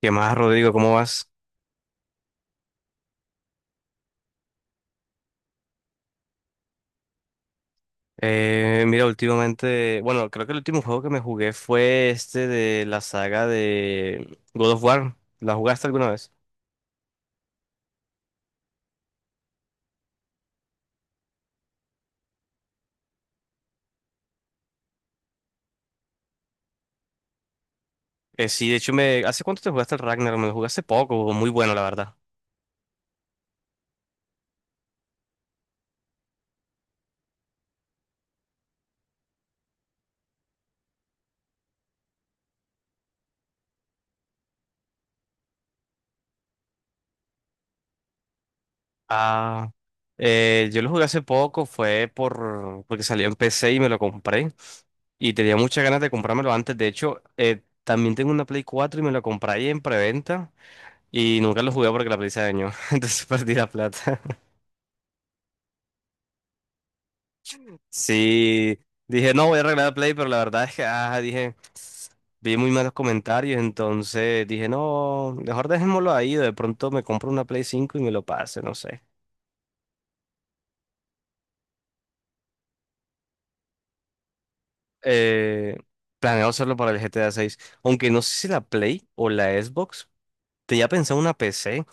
¿Qué más, Rodrigo? ¿Cómo vas? Mira, últimamente, bueno, creo que el último juego que me jugué fue este de la saga de God of War. ¿La jugaste alguna vez? Sí, de hecho, me... ¿hace cuánto te jugaste el Ragnar? Me lo jugué hace poco, muy bueno, la verdad. Ah, yo lo jugué hace poco, fue por... porque salió en PC y me lo compré. Y tenía muchas ganas de comprármelo antes. De hecho, también tengo una Play 4 y me la compré ahí en preventa. Y nunca lo jugué porque la Play se dañó. Entonces perdí la plata. Sí, dije, no, voy a arreglar el Play, pero la verdad es que, dije, vi muy malos comentarios, entonces dije, no, mejor dejémoslo ahí, de pronto me compro una Play 5 y me lo pase, no sé. Eh, Planeo hacerlo para el GTA 6, aunque no sé si la Play o la Xbox, tenía pensado una PC,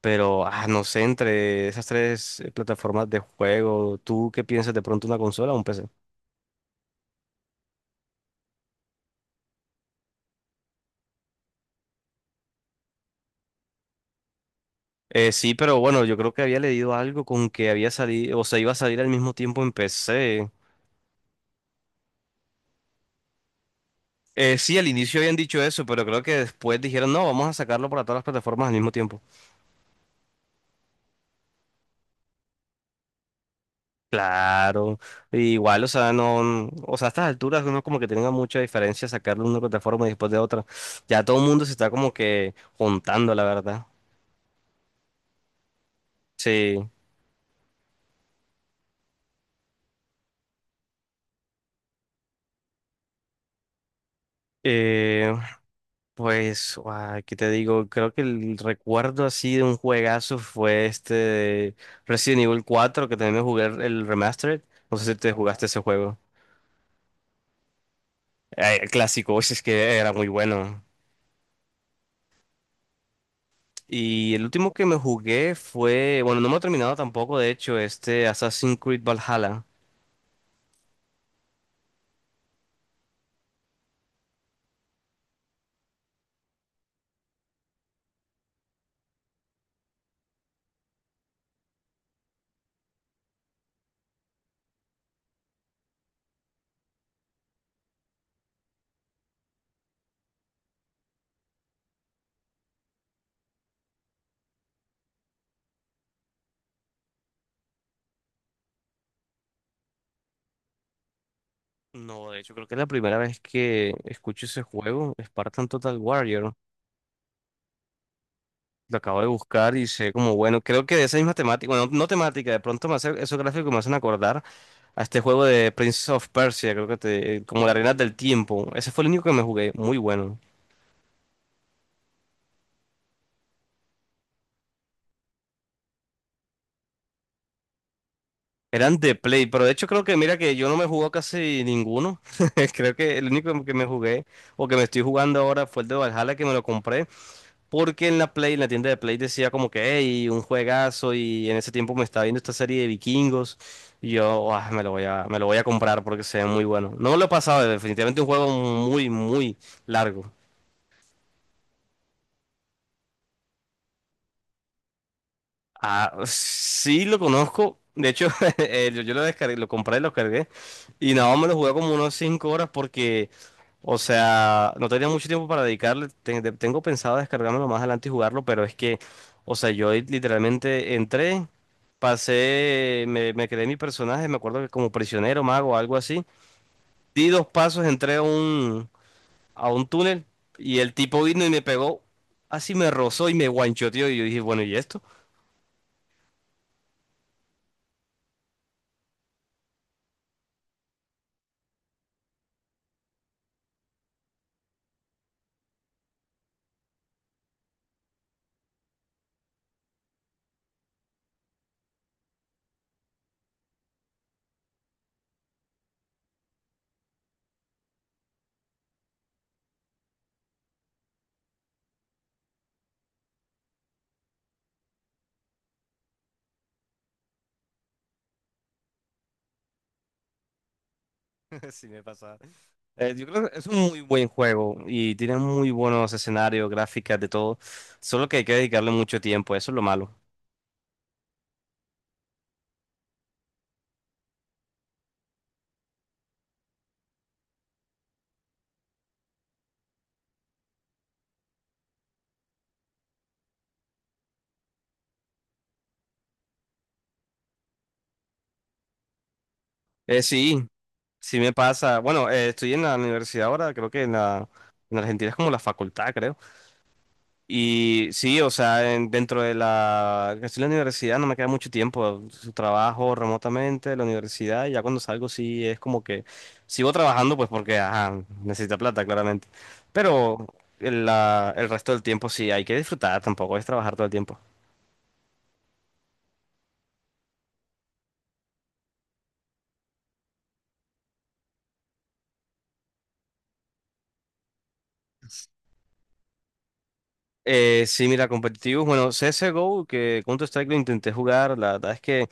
pero, no sé, entre esas tres plataformas de juego, ¿tú qué piensas de pronto una consola o un PC? Sí, pero bueno, yo creo que había leído algo con que había salido, o sea, iba a salir al mismo tiempo en PC. Sí, al inicio habían dicho eso, pero creo que después dijeron, no, vamos a sacarlo para todas las plataformas al mismo tiempo. Claro, igual, o sea, no, o sea, a estas alturas uno como que tenga mucha diferencia sacarlo de una plataforma y después de otra. Ya todo el mundo se está como que juntando, la verdad. Sí. Eh, ¿Qué te digo? Creo que el recuerdo así de un juegazo fue este de Resident Evil 4, que también me jugué el remastered. No sé si te jugaste ese juego. El clásico, uy, es que era muy bueno. Y el último que me jugué fue, bueno, no me lo he terminado tampoco, de hecho, este Assassin's Creed Valhalla. No, de hecho, creo que es la primera vez que escucho ese juego, Spartan Total Warrior. Lo acabo de buscar y sé como, bueno, creo que de esa misma temática, bueno, no temática, de pronto me hace, esos gráficos me hacen acordar a este juego de Prince of Persia, creo que te, como la Arena del Tiempo. Ese fue el único que me jugué, muy bueno. Eran de Play, pero de hecho creo que mira que yo no me jugó casi ninguno. Creo que el único que me jugué o que me estoy jugando ahora fue el de Valhalla que me lo compré porque en la Play, en la tienda de Play decía como que, hey, un juegazo y en ese tiempo me estaba viendo esta serie de vikingos y yo, "Ah, me lo voy a, me lo voy a comprar porque se ve muy bueno. No me lo he pasado, definitivamente un juego muy, muy largo. Ah, sí lo conozco. De hecho, yo lo descargué, lo compré lo cargué. Y nada, más me lo jugué como unos 5 horas porque o sea, no tenía mucho tiempo para dedicarle. Tengo pensado descargármelo más adelante y jugarlo, pero es que, o sea, yo ahí literalmente entré, pasé, me creé mi personaje, me acuerdo que como prisionero, mago, algo así. Di dos pasos, a un túnel y el tipo vino y me pegó, así me rozó y me guanchoteó. Y yo dije, bueno, ¿y esto? Sí me pasa. Yo creo que es un muy buen juego y tiene muy buenos escenarios, gráficas, de todo. Solo que hay que dedicarle mucho tiempo, eso es lo malo. Sí. Sí me pasa, bueno, estoy en la universidad ahora, creo que en la, en Argentina es como la facultad, creo. Y sí, o sea, en- dentro de la, que estoy en la universidad no me queda mucho tiempo, su trabajo remotamente, la universidad, y ya cuando salgo sí es como que sigo trabajando pues porque, ajá, necesita plata claramente. Pero el resto del tiempo sí hay que disfrutar, tampoco es trabajar todo el tiempo. Sí, mira, competitivos, bueno, CSGO, que Counter-Strike lo intenté jugar, la verdad es que...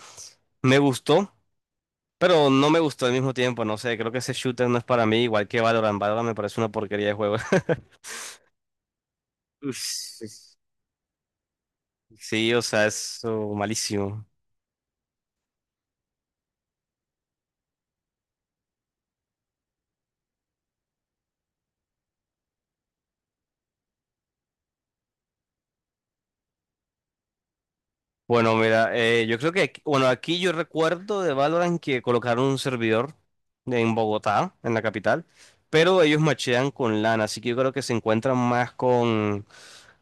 Me gustó, pero no me gustó al mismo tiempo, no sé, creo que ese shooter no es para mí, igual que Valorant. Valorant me parece una porquería de juego. Uf, sí, o sea, es oh, malísimo. Bueno, mira, yo creo que, aquí- bueno, aquí yo recuerdo de Valorant que colocaron un servidor en Bogotá, en la capital, pero ellos machean con LAN, así que yo creo que se encuentran más con,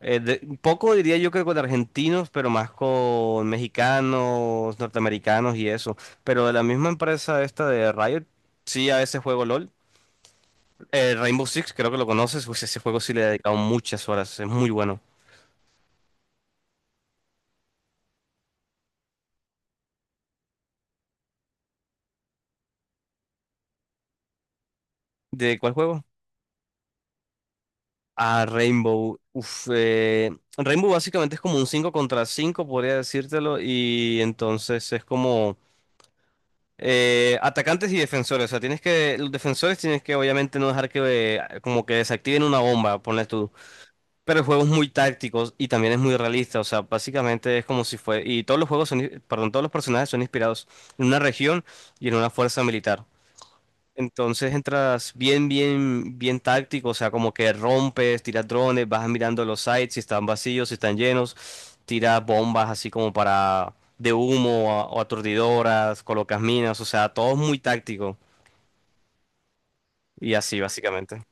Un poco diría yo que con argentinos, pero más con mexicanos, norteamericanos y eso. Pero de la misma empresa esta de Riot, sí, a veces juego LOL. Rainbow 6, creo que lo conoces, pues ese juego sí le he dedicado muchas horas, es muy bueno. ¿De cuál juego? Ah, Rainbow. Rainbow básicamente es como un 5 contra 5 podría decírtelo, y entonces es como atacantes y defensores. O sea, tienes que, los defensores tienes que obviamente no dejar que como que desactiven una bomba, ponle tú. Pero el juego es muy táctico y también es muy realista, o sea, básicamente es como si fue, y todos los juegos son, perdón, todos los personajes son inspirados en una región y en una fuerza militar. Entonces entras bien, bien, bien táctico, o sea, como que rompes, tiras drones, vas mirando los sites, si están vacíos, si están llenos, tiras bombas así como para de humo o aturdidoras, colocas minas, o sea, todo es muy táctico y así básicamente.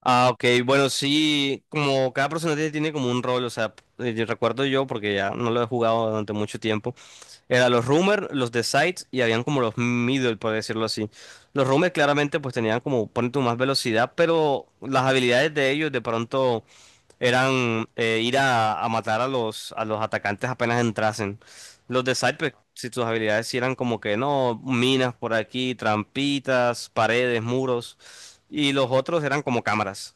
Ah, ok, bueno, sí, como cada personaje tiene como un rol, o sea, yo recuerdo yo, porque ya no lo he jugado durante mucho tiempo, eran los Rumors, los de Sides y habían como los Middle, por decirlo así. Los Rumors claramente pues tenían como, ponen tu más velocidad, pero las habilidades de ellos de pronto eran a matar a los atacantes apenas entrasen. Los de Side, pues, si tus habilidades sí eran como que no, minas por aquí, trampitas, paredes, muros, y los otros eran como cámaras.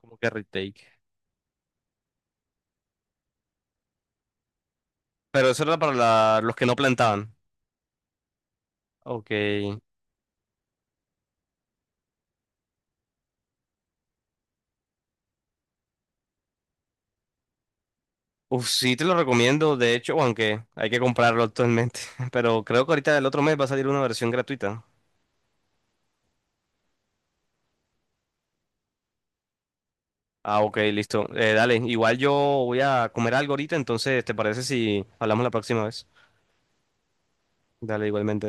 Como que retake. Pero eso era para los que no plantaban. Ok. Uf, sí te lo recomiendo, de hecho, aunque hay que comprarlo actualmente. Pero creo que ahorita el otro mes va a salir una versión gratuita. Ah, ok, listo. Dale, igual yo voy a comer algo ahorita, entonces, ¿te parece si hablamos la próxima vez? Dale, igualmente.